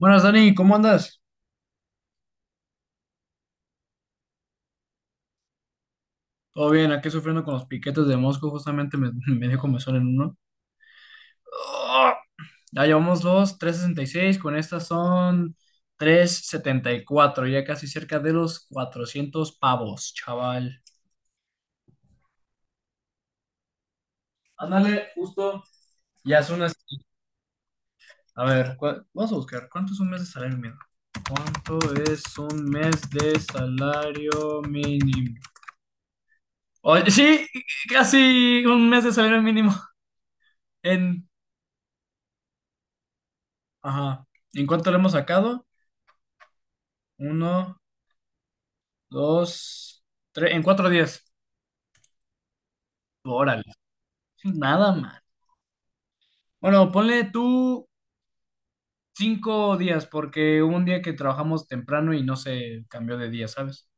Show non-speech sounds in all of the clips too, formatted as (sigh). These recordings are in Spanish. Buenas, Dani, ¿cómo andas? Todo bien, aquí sufriendo con los piquetes de Mosco, justamente (laughs) me dio comezón en uno. ¡Ah! Ya llevamos 366, con estas son 374, ya casi cerca de los 400 pavos, chaval. Ándale, justo, ya son unas. A ver, vamos a buscar, ¿cuánto es un mes de salario mínimo? ¿Cuánto es un mes de salario mínimo? Oye, sí, casi un mes de salario mínimo en. Ajá. ¿En cuánto lo hemos sacado? Uno, dos, tres, en 4 días. Órale, nada más. Bueno, ponle tú 5 días, porque hubo un día que trabajamos temprano y no se cambió de día, ¿sabes?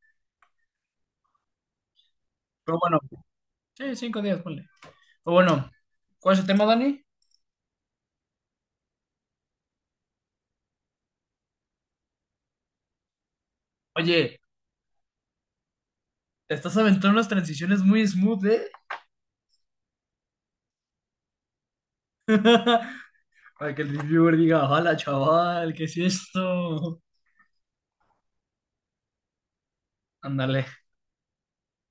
Pero bueno, sí, cinco días, ponle. Pero bueno, ¿cuál es el tema, Dani? Oye, te estás aventando unas transiciones muy smooth, ¿eh? (laughs) Para que el reviewer diga, hola, chaval, ¿qué es esto? Ándale.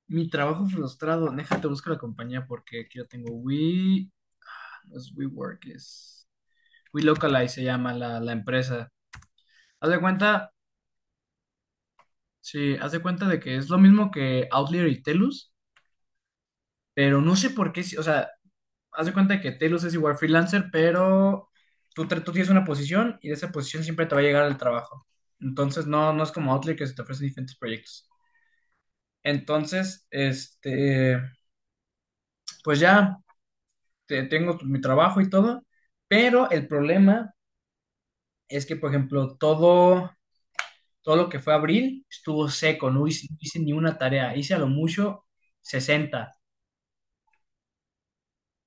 Mi trabajo frustrado, déjate busco la compañía porque aquí yo tengo We, no es WeWork, es WeLocalize, se llama la empresa. Haz de cuenta, sí, haz de cuenta de que es lo mismo que Outlier y Telus, pero no sé por qué, o sea, haz de cuenta de que Telus es igual freelancer, pero tú tienes una posición y de esa posición siempre te va a llegar el trabajo. Entonces, no, no es como Outlier que se te ofrecen diferentes proyectos. Entonces, este, pues ya. Tengo mi trabajo y todo, pero el problema es que, por ejemplo, todo lo que fue abril estuvo seco, no hice ni una tarea, hice a lo mucho 60.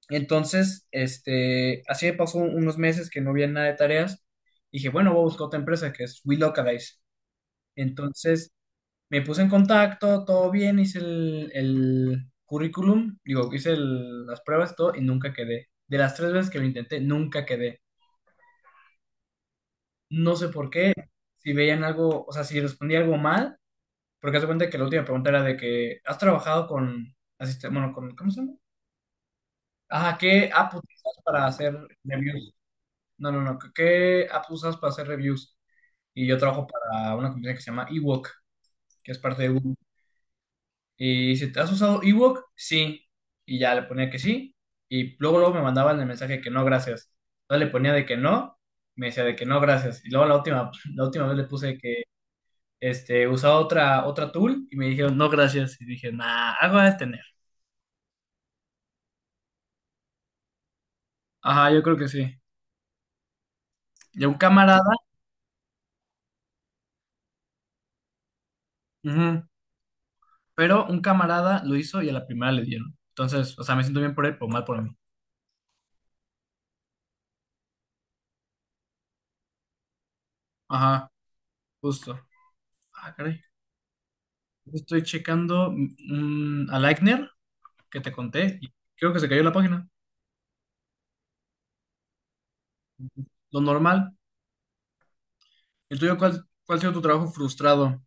Entonces, este, así me pasó unos meses que no había nada de tareas. Dije, bueno, voy a buscar otra empresa que es WeLocalize. Entonces, me puse en contacto, todo bien, hice el currículum, digo, hice las pruebas, todo, y nunca quedé. De las tres veces que lo intenté, nunca quedé. No sé por qué, si veían algo, o sea, si respondía algo mal, porque haz de cuenta que la última pregunta era de que, ¿has trabajado con, bueno, con, ¿cómo se llama? Ajá, ¿qué app usas para hacer reviews? No, no, no, ¿qué app usas para hacer reviews? Y yo trabajo para una compañía que se llama Ewok, que es parte de Google. Y si te has usado Ewok, sí. Y ya le ponía que sí. Y luego me mandaban el mensaje que no, gracias. Entonces le ponía de que no, me decía de que no, gracias. Y luego la última vez le puse este, usaba otra tool y me dijeron, no, gracias. Y dije, nah, algo a tener. Ajá, yo creo que sí. Y a un camarada, ujú, pero un camarada lo hizo y a la primera le dieron. Entonces, o sea, me siento bien por él, pero mal por mí. Ajá, justo. Ah, caray. Estoy checando a Lightner que te conté, y creo que se cayó la página. Lo normal. ¿El tuyo cuál ha sido tu trabajo frustrado?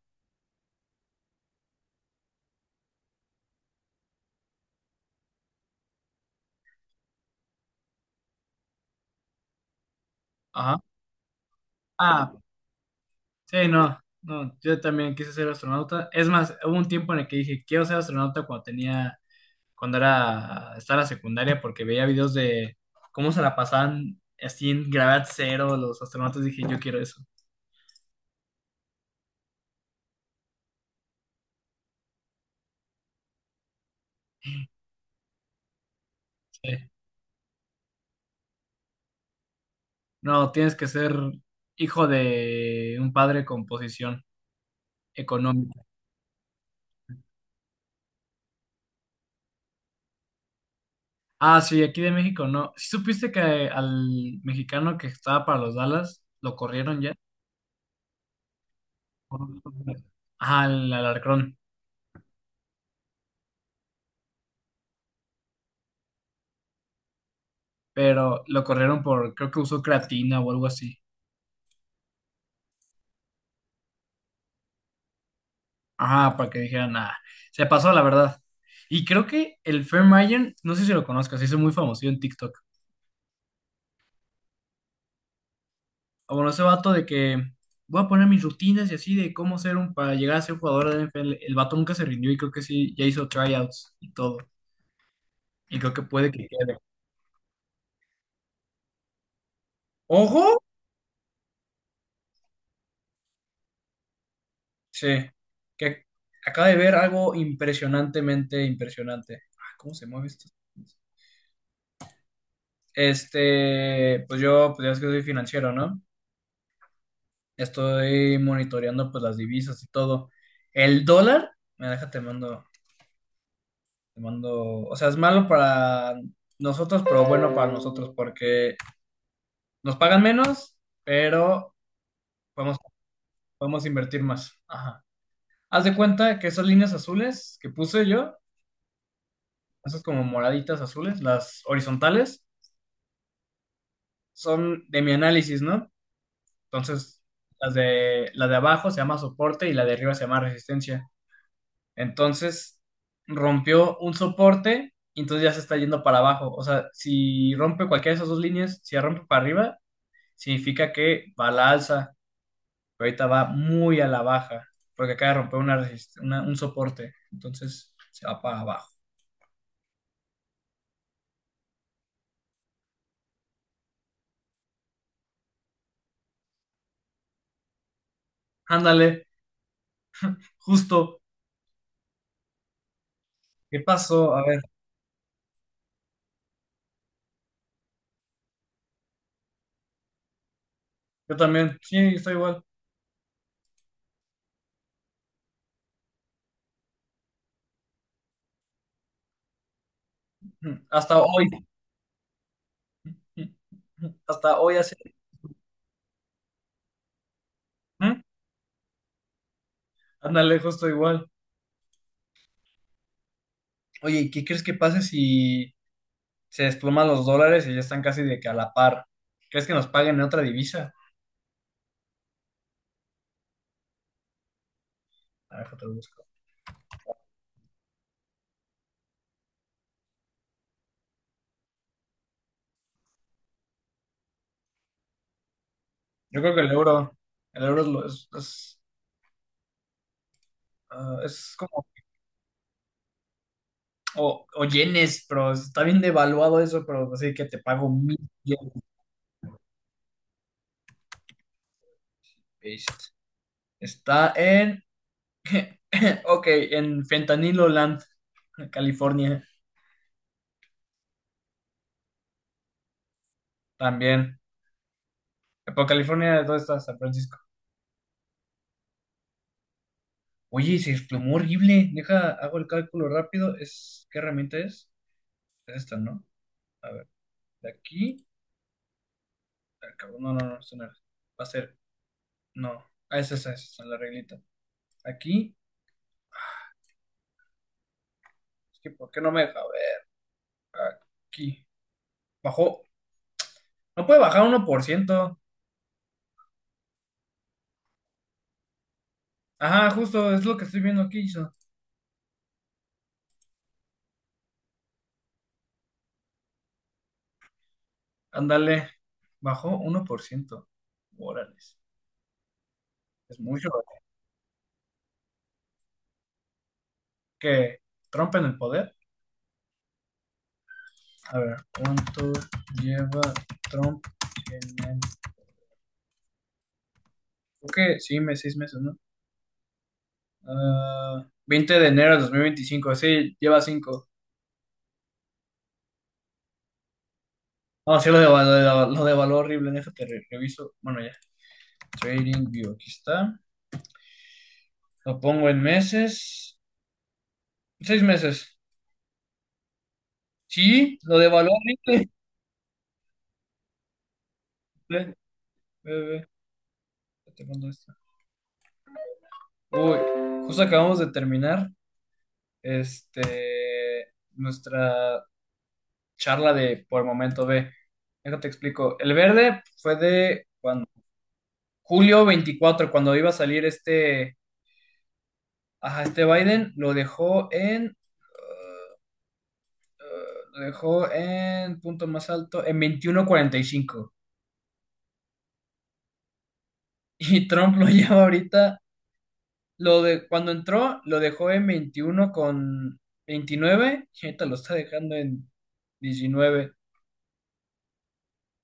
Ajá. Ah, sí, no, no, yo también quise ser astronauta. Es más, hubo un tiempo en el que dije, quiero ser astronauta cuando tenía. Cuando era, estaba en la secundaria porque veía videos de cómo se la pasaban así en gravedad cero los astronautas. Dije, yo quiero eso. Sí. No, tienes que ser hijo de un padre con posición económica. Ah, sí, aquí de México, ¿no? ¿Sí supiste que al mexicano que estaba para los Dallas lo corrieron ya? Ajá, al Alarcón. Pero lo corrieron por, creo que usó creatina o algo así. Ah, para que dijeran, nada, se pasó la verdad. Y creo que el Fermayer, no sé si lo conozcas, se hizo muy famoso en TikTok. Ah, bueno, ese vato de que voy a poner mis rutinas y así de cómo ser un, para llegar a ser un jugador de NFL. El vato nunca se rindió y creo que sí, ya hizo tryouts y todo. Y creo que puede que quede. ¡Ojo! Sí, que acaba de ver algo impresionantemente impresionante. Ah, ¿cómo se mueve esto? Este, pues yo, pues ya es que soy financiero, ¿no? Estoy monitoreando pues las divisas y todo. El dólar, me deja te mando, o sea, es malo para nosotros, pero bueno para nosotros porque nos pagan menos, pero podemos, podemos invertir más. Ajá. Haz de cuenta que esas líneas azules que puse yo, esas como moraditas azules, las horizontales, son de mi análisis, ¿no? Entonces, la de abajo se llama soporte y la de arriba se llama resistencia. Entonces rompió un soporte y entonces ya se está yendo para abajo. O sea, si rompe cualquiera de esas dos líneas, si la rompe para arriba, significa que va a la alza, pero ahorita va muy a la baja, porque acaba de romper una un soporte, entonces se va para abajo. Ándale, justo, ¿qué pasó? A ver, yo también, sí, estoy igual. Hasta hoy, hasta hoy hace, ¿eh? Ándale, justo igual. Oye, ¿y qué crees que pase si se desploman los dólares y ya están casi de que a la par? ¿Crees que nos paguen en otra divisa? A ver, te lo busco. Yo creo que el euro es, es, ah, es como, o yenes, pero está bien devaluado eso, pero así que te pago 1,000 yenes. Paste. Está en, (laughs) ok, en Fentanilo Land, California, también. Pero California, ¿dónde está? San Francisco. Oye, se desplomó horrible. Deja, hago el cálculo rápido. Es, ¿qué herramienta es? Es esta, ¿no? A ver, de aquí. Ah, cabrón. No, no, no, esto no era. Va a ser. No. Ah, esa, la reglita. Aquí. Es que, ¿por qué no me deja ver? Aquí. Bajó. No puede bajar uno por ciento. Ajá, justo, es lo que estoy viendo aquí. Hizo. Ándale. Bajó uno por ciento. Órales. Es mucho. ¿Que Trump en el poder? A ver, ¿cuánto lleva Trump en el...? Creo que sí, seis meses, ¿no? Ah, 20 de enero de 2025. Sí, lleva cinco. No, sí, lo devaluó, lo devaluó, lo horrible en eso que reviso. Bueno, ya. Trading View, aquí está. Lo pongo en meses. 6 meses. Sí, lo devaluó horrible. Ve, ve, ve. Ya te mando esto. Uy, justo acabamos de terminar este, nuestra charla de por momento B. Déjate te explico. El verde fue de cuando, julio veinticuatro, cuando iba a salir este, ajá, este Biden, lo dejó en. Lo dejó en punto más alto, en 21.45. Y cinco. Y Trump lo (laughs) lleva ahorita, lo de, cuando entró, lo dejó en 21 con 29 y ahorita lo está dejando en 19.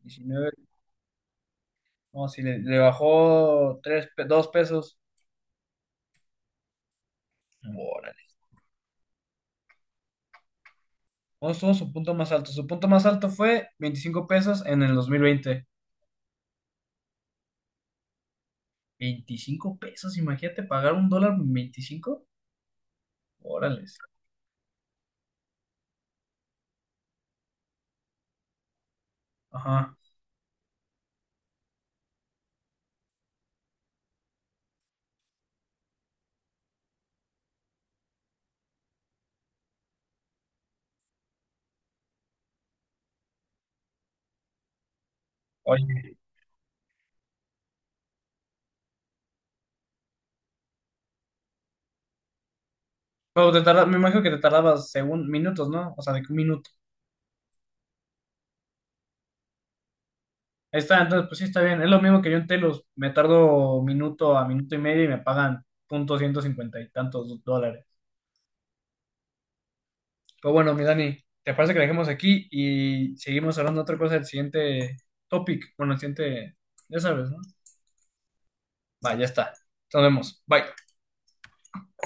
19, no, si le bajó 3, 2 pesos. Órale. ¿Cómo estuvo su punto más alto? Su punto más alto fue 25 pesos en el 2020. 25 pesos, imagínate pagar un dólar 25. Órale. Ajá. Oye. Pero me imagino que te tardabas según minutos, ¿no? O sea, de que un minuto. Ahí está, entonces pues sí está bien. Es lo mismo que yo en Telos. Me tardo minuto a minuto y medio y me pagan punto 150 y tantos dólares. Pero bueno, mi Dani, ¿te parece que la dejemos aquí y seguimos hablando de otra cosa del siguiente topic? Bueno, el siguiente, ya sabes, ¿no? Va, ya está. Nos vemos. Bye.